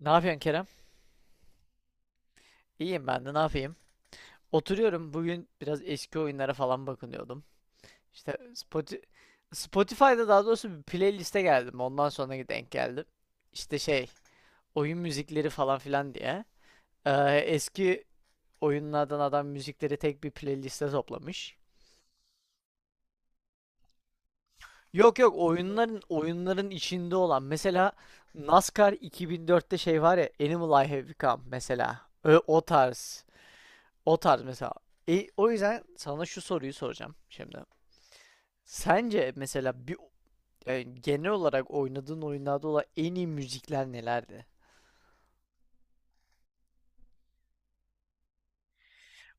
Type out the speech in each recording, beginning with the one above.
Ne yapıyorsun Kerem? İyiyim ben de ne yapayım? Oturuyorum. Bugün biraz eski oyunlara falan bakınıyordum. İşte Spotify'da daha doğrusu bir playliste geldim. Ondan sonra denk geldim. İşte şey, oyun müzikleri falan filan diye. Ee, Eski oyunlardan adam müzikleri tek bir playliste toplamış. Yok, yok, oyunların içinde olan mesela NASCAR 2004'te şey var ya, Animal I Have Become mesela. O tarz. O tarz mesela. O yüzden sana şu soruyu soracağım şimdi. Sence mesela bir genel olarak oynadığın oyunlarda olan en iyi müzikler nelerdi?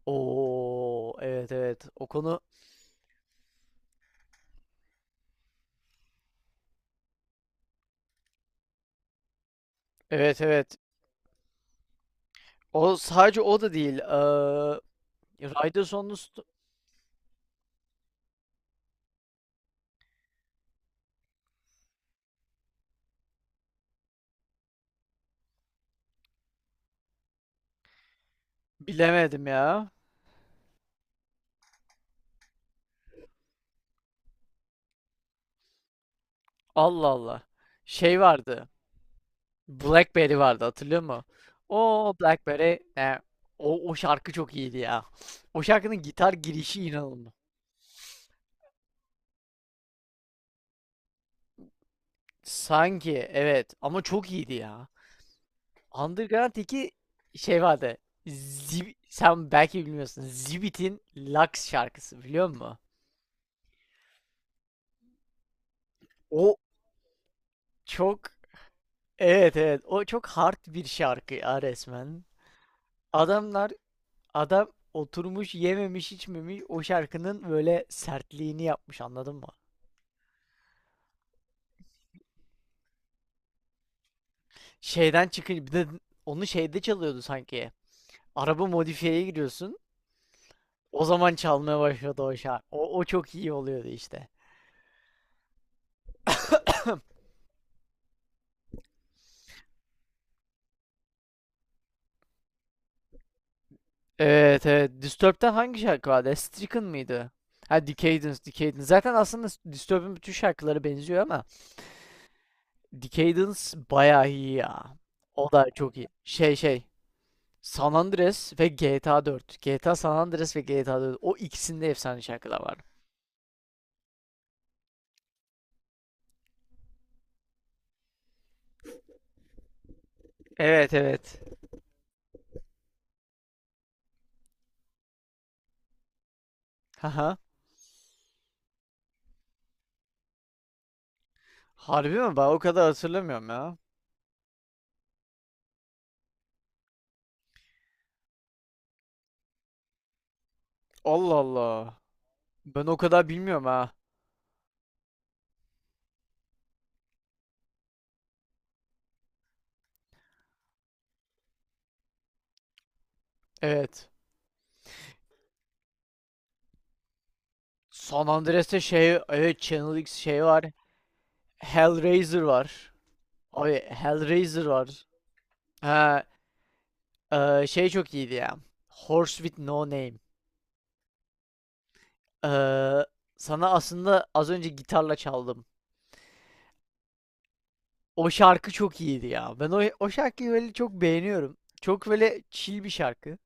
Oo, evet, evet. O konu, evet, evet. O sadece o da değil. Riders on the Sto- Bilemedim ya. Allah Allah. Şey vardı. Blackberry vardı, hatırlıyor musun? O Blackberry, o şarkı çok iyiydi ya. O şarkının gitar girişi inanılmaz. Sanki evet, ama çok iyiydi ya. Underground 2 şey vardı. Sen belki bilmiyorsun. Zibit'in Lux şarkısı biliyor musun? O çok Evet, evet, o çok hard bir şarkı ya resmen. Adamlar, adam oturmuş yememiş içmemiş o şarkının böyle sertliğini yapmış, anladın mı? Şeyden çıkınca bir de onu şeyde çalıyordu sanki. Araba modifiyeye giriyorsun. O zaman çalmaya başladı o şarkı. O çok iyi oluyordu işte. Evet evet. Disturbed'den hangi şarkı vardı? Stricken mıydı? Ha, Decadence, Decadence. Zaten aslında Disturbed'in bütün şarkıları benziyor ama Decadence bayağı iyi ya. O da çok iyi. San Andreas ve GTA 4. GTA San Andreas ve GTA 4. O ikisinde efsane şarkılar var. Evet evet. Haha. Harbi mi? Ben o kadar hatırlamıyorum ya. Allah Allah. Ben o kadar bilmiyorum ha. Evet. San Andreas'te şey, evet, Channel X şey var. Hellraiser var. Abi Hellraiser var. Ha, şey çok iyiydi ya. Horse with No Name. E, Sana aslında az önce gitarla çaldım. O şarkı çok iyiydi ya. Ben o şarkıyı böyle çok beğeniyorum. Çok böyle chill bir şarkı.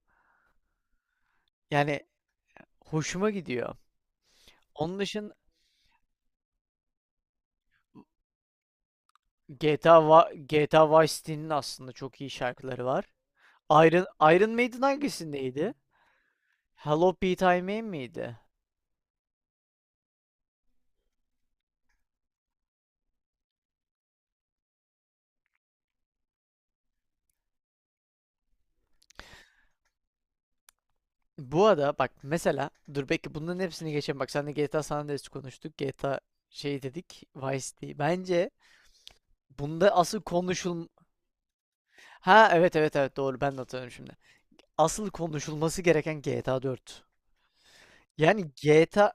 Yani hoşuma gidiyor. Onun dışında GTA Vice City'nin aslında çok iyi şarkıları var. Iron Maiden hangisindeydi? Hello Pete I Mame miydi? Bu arada bak mesela dur, belki bunların hepsini geçelim. Bak sen de GTA San Andreas konuştuk. GTA şey dedik. Vice City. Bence bunda asıl konuşul... Ha evet evet evet, doğru, ben de hatırlıyorum şimdi. Asıl konuşulması gereken GTA 4. Yani GTA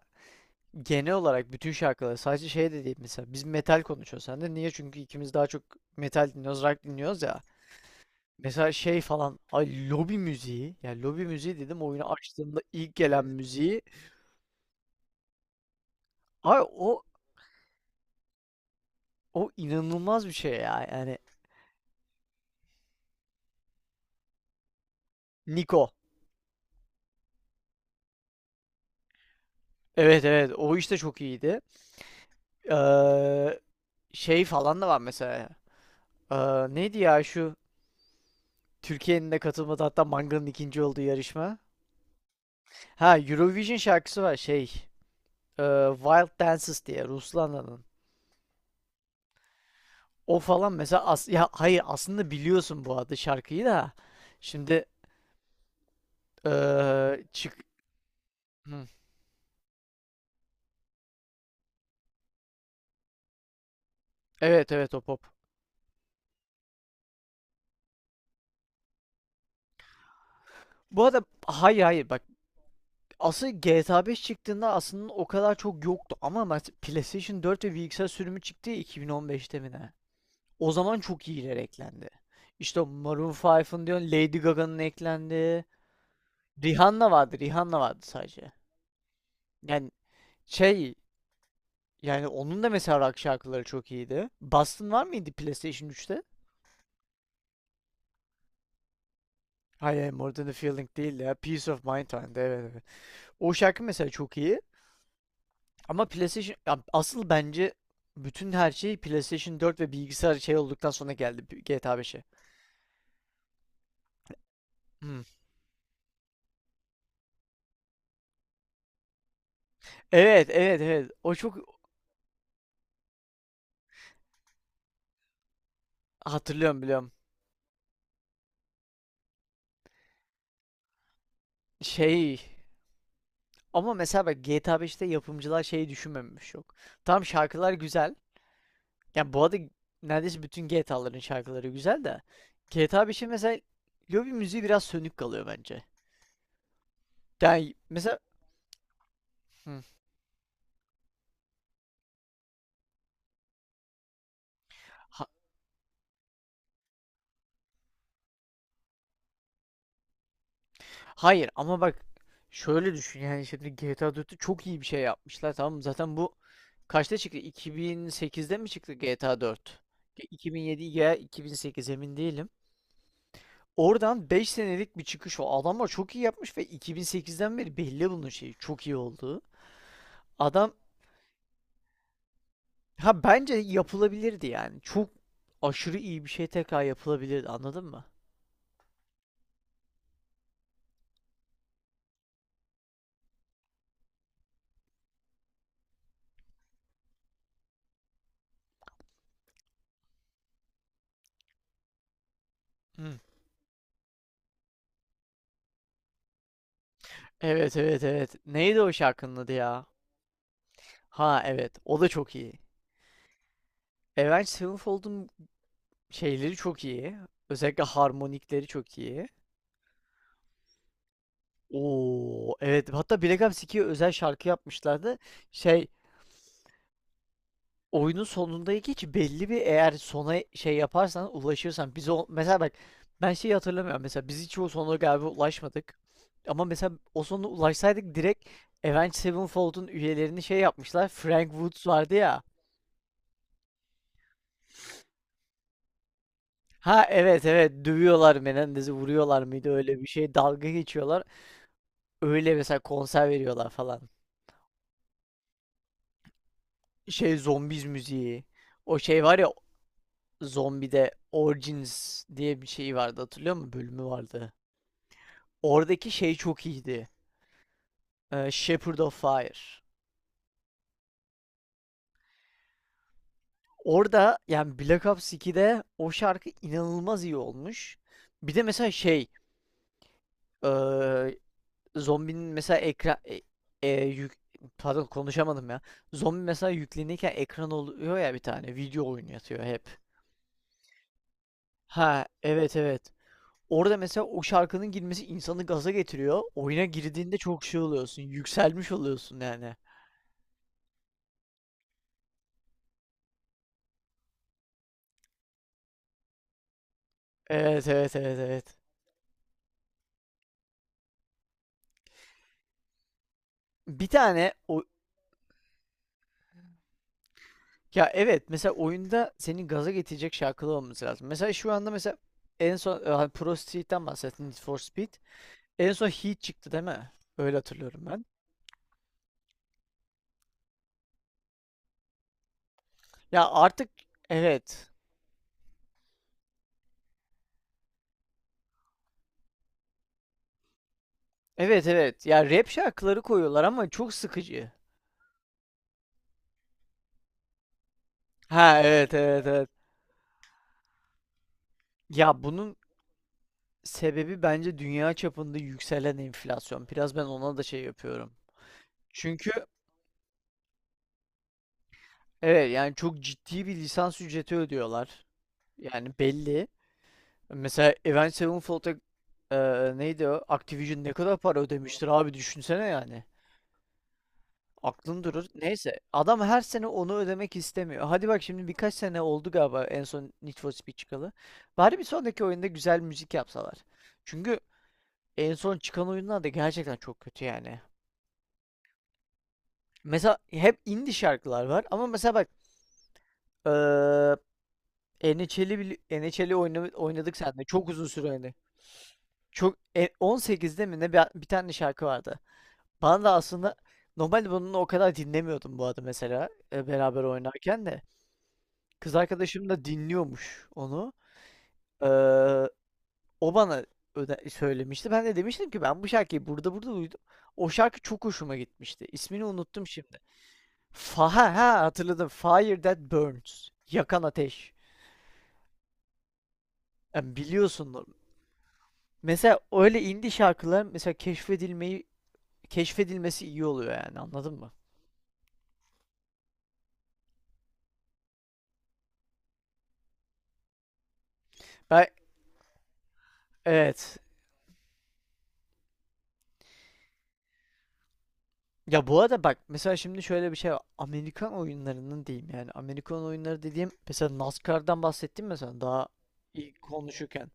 genel olarak bütün şarkıları sadece şey de değil mesela. Biz metal konuşuyoruz sen de. Niye? Çünkü ikimiz daha çok metal dinliyoruz, rock dinliyoruz ya. Mesela şey falan. Ay, lobi müziği. Yani lobi müziği dedim, oyunu açtığımda ilk gelen müziği. Ay, o inanılmaz bir şey ya. Yani Niko. Evet evet, o işte çok iyiydi. Ee, Şey falan da var mesela. Neydi ya şu Türkiye'nin de katılmadığı, hatta Manga'nın ikinci olduğu yarışma. Ha, Eurovision şarkısı var şey. e, Wild Dances diye Ruslana'nın. O falan mesela, ya hayır, aslında biliyorsun bu adı şarkıyı da. Şimdi e, çık. Hı. Evet evet, o pop. Bu arada hayır, hayır, bak, asıl GTA 5 çıktığında aslında o kadar çok yoktu ama PlayStation 4 ve bilgisayar sürümü çıktı ya, 2015'te mi ne? O zaman çok iyiler eklendi. İşte o Maroon 5'ın diyorsun, Lady Gaga'nın eklendi. Rihanna vardı, Rihanna vardı sadece. Yani şey, yani onun da mesela rock şarkıları çok iyiydi. Boston var mıydı PlayStation üçte? Hayır, More Than a Feeling değil ya. Peace of Mind vardı. Evet, evet. O şarkı mesela çok iyi. Ama PlayStation, ya asıl bence bütün her şey PlayStation 4 ve bilgisayar şey olduktan sonra geldi bu GTA 5'e. Hmm. Evet, evet, evet. O çok hatırlıyorum, biliyorum. Şey, ama mesela bak GTA beşte yapımcılar şeyi düşünmemiş yok. Tam şarkılar güzel. Yani bu arada neredeyse bütün GTA'ların şarkıları güzel de GTA 5'in mesela lobi müziği biraz sönük kalıyor bence. Yani mesela, hayır, ama bak şöyle düşün yani, şimdi GTA 4'te çok iyi bir şey yapmışlar, tamam mı? Zaten bu kaçta çıktı? 2008'de mi çıktı GTA 4? 2007 ya 2008, emin değilim. Oradan 5 senelik bir çıkış o. Adamlar çok iyi yapmış ve 2008'den beri belli bunun şeyi çok iyi olduğu. Adam ha, bence yapılabilirdi yani. Çok aşırı iyi bir şey tekrar yapılabilirdi, anladın mı? Hı. Evet evet evet. Neydi o şarkının adı ya? Ha evet, o da çok iyi. Avenged Sevenfold'un şeyleri çok iyi. Özellikle harmonikleri çok iyi. Oo evet, hatta Black Ops 2'ye özel şarkı yapmışlardı. Şey, oyunun sonundaki hiç belli bir, eğer sona şey yaparsan ulaşırsan, biz o mesela bak, ben şeyi hatırlamıyorum mesela, biz hiç o sona galiba ulaşmadık. Ama mesela o sona ulaşsaydık direkt Avenged Sevenfold'un üyelerini şey yapmışlar. Frank Woods vardı ya. Ha evet evet, dövüyorlar Menendez'i, vuruyorlar mıydı, öyle bir şey, dalga geçiyorlar. Öyle mesela konser veriyorlar falan. Şey zombiz müziği. O şey var ya, zombide Origins diye bir şey vardı, hatırlıyor musun? Bölümü vardı. Oradaki şey çok iyiydi. Shepherd of Fire. Orada yani Black Ops 2'de o şarkı inanılmaz iyi olmuş. Bir de mesela şey eee, zombinin mesela ekran e, yük- pardon konuşamadım ya. Zombi mesela yüklenirken ekran oluyor ya, bir tane video oyunu oynatıyor hep. Ha evet evet. Orada mesela o şarkının girmesi insanı gaza getiriyor. Oyuna girdiğinde çok şey oluyorsun. Yükselmiş oluyorsun yani. Evet evet evet evet. Bir tane o Ya evet, mesela oyunda senin gaza getirecek şarkılar olması lazım. Mesela şu anda mesela en son hani Pro Street'ten bahsettin, Need for Speed. En son Heat çıktı değil mi? Öyle hatırlıyorum ben. Ya artık evet. Evet evet. Ya rap şarkıları koyuyorlar ama çok sıkıcı. Ha evet evet evet. Ya bunun sebebi bence dünya çapında yükselen enflasyon. Biraz ben ona da şey yapıyorum. Çünkü evet, yani çok ciddi bir lisans ücreti ödüyorlar. Yani belli. Mesela Avenged Sevenfold'a e, neydi o? Activision ne kadar para ödemiştir abi, düşünsene yani. Aklın durur. Neyse. Adam her sene onu ödemek istemiyor. Hadi bak, şimdi birkaç sene oldu galiba en son Need for Speed çıkalı. Bari bir sonraki oyunda güzel müzik yapsalar. Çünkü en son çıkan oyunlar da gerçekten çok kötü yani. Mesela hep indie şarkılar var ama mesela bak eee NHL'i oynadık seninle. Çok uzun süre oynadık. Çok 18'de mi ne bir tane şarkı vardı. Bana da aslında normalde bunu o kadar dinlemiyordum bu arada mesela beraber oynarken de. Kız arkadaşım da dinliyormuş onu. Eee, O bana söylemişti. Ben de demiştim ki ben bu şarkıyı burada burada duydum. O şarkı çok hoşuma gitmişti. İsmini unuttum şimdi. Ha, ha, hatırladım. Fire that burns. Yakan ateş. Yani biliyorsun. Mesela öyle indie şarkılar mesela keşfedilmeyi keşfedilmesi iyi oluyor yani, anladın mı? Ben evet. Ya bu arada bak mesela şimdi şöyle bir şey var. Amerikan oyunlarının diyeyim, yani Amerikan oyunları dediğim, mesela NASCAR'dan bahsettim mesela daha ilk konuşurken.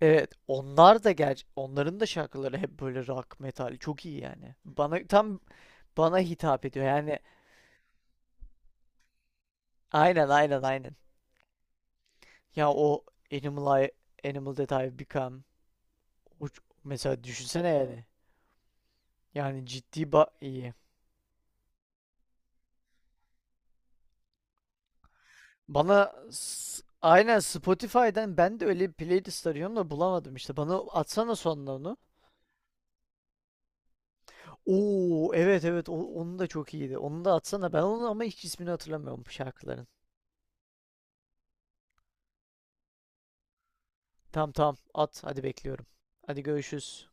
Evet, onlar da onların da şarkıları hep böyle rock metal çok iyi yani. Bana tam bana hitap ediyor yani, aynen, aynen, aynen. Ya o Animal I Animal That I've Become. Mesela düşünsene yani. Yani ciddi iyi. Aynen, Spotify'dan ben de öyle bir playlist arıyorum da bulamadım işte. Bana atsana sonuna onu. Oo evet evet, onu da çok iyiydi. Onu da atsana. Ben onun ama hiç ismini hatırlamıyorum bu şarkıların. Tamam tamam at, hadi bekliyorum. Hadi görüşürüz.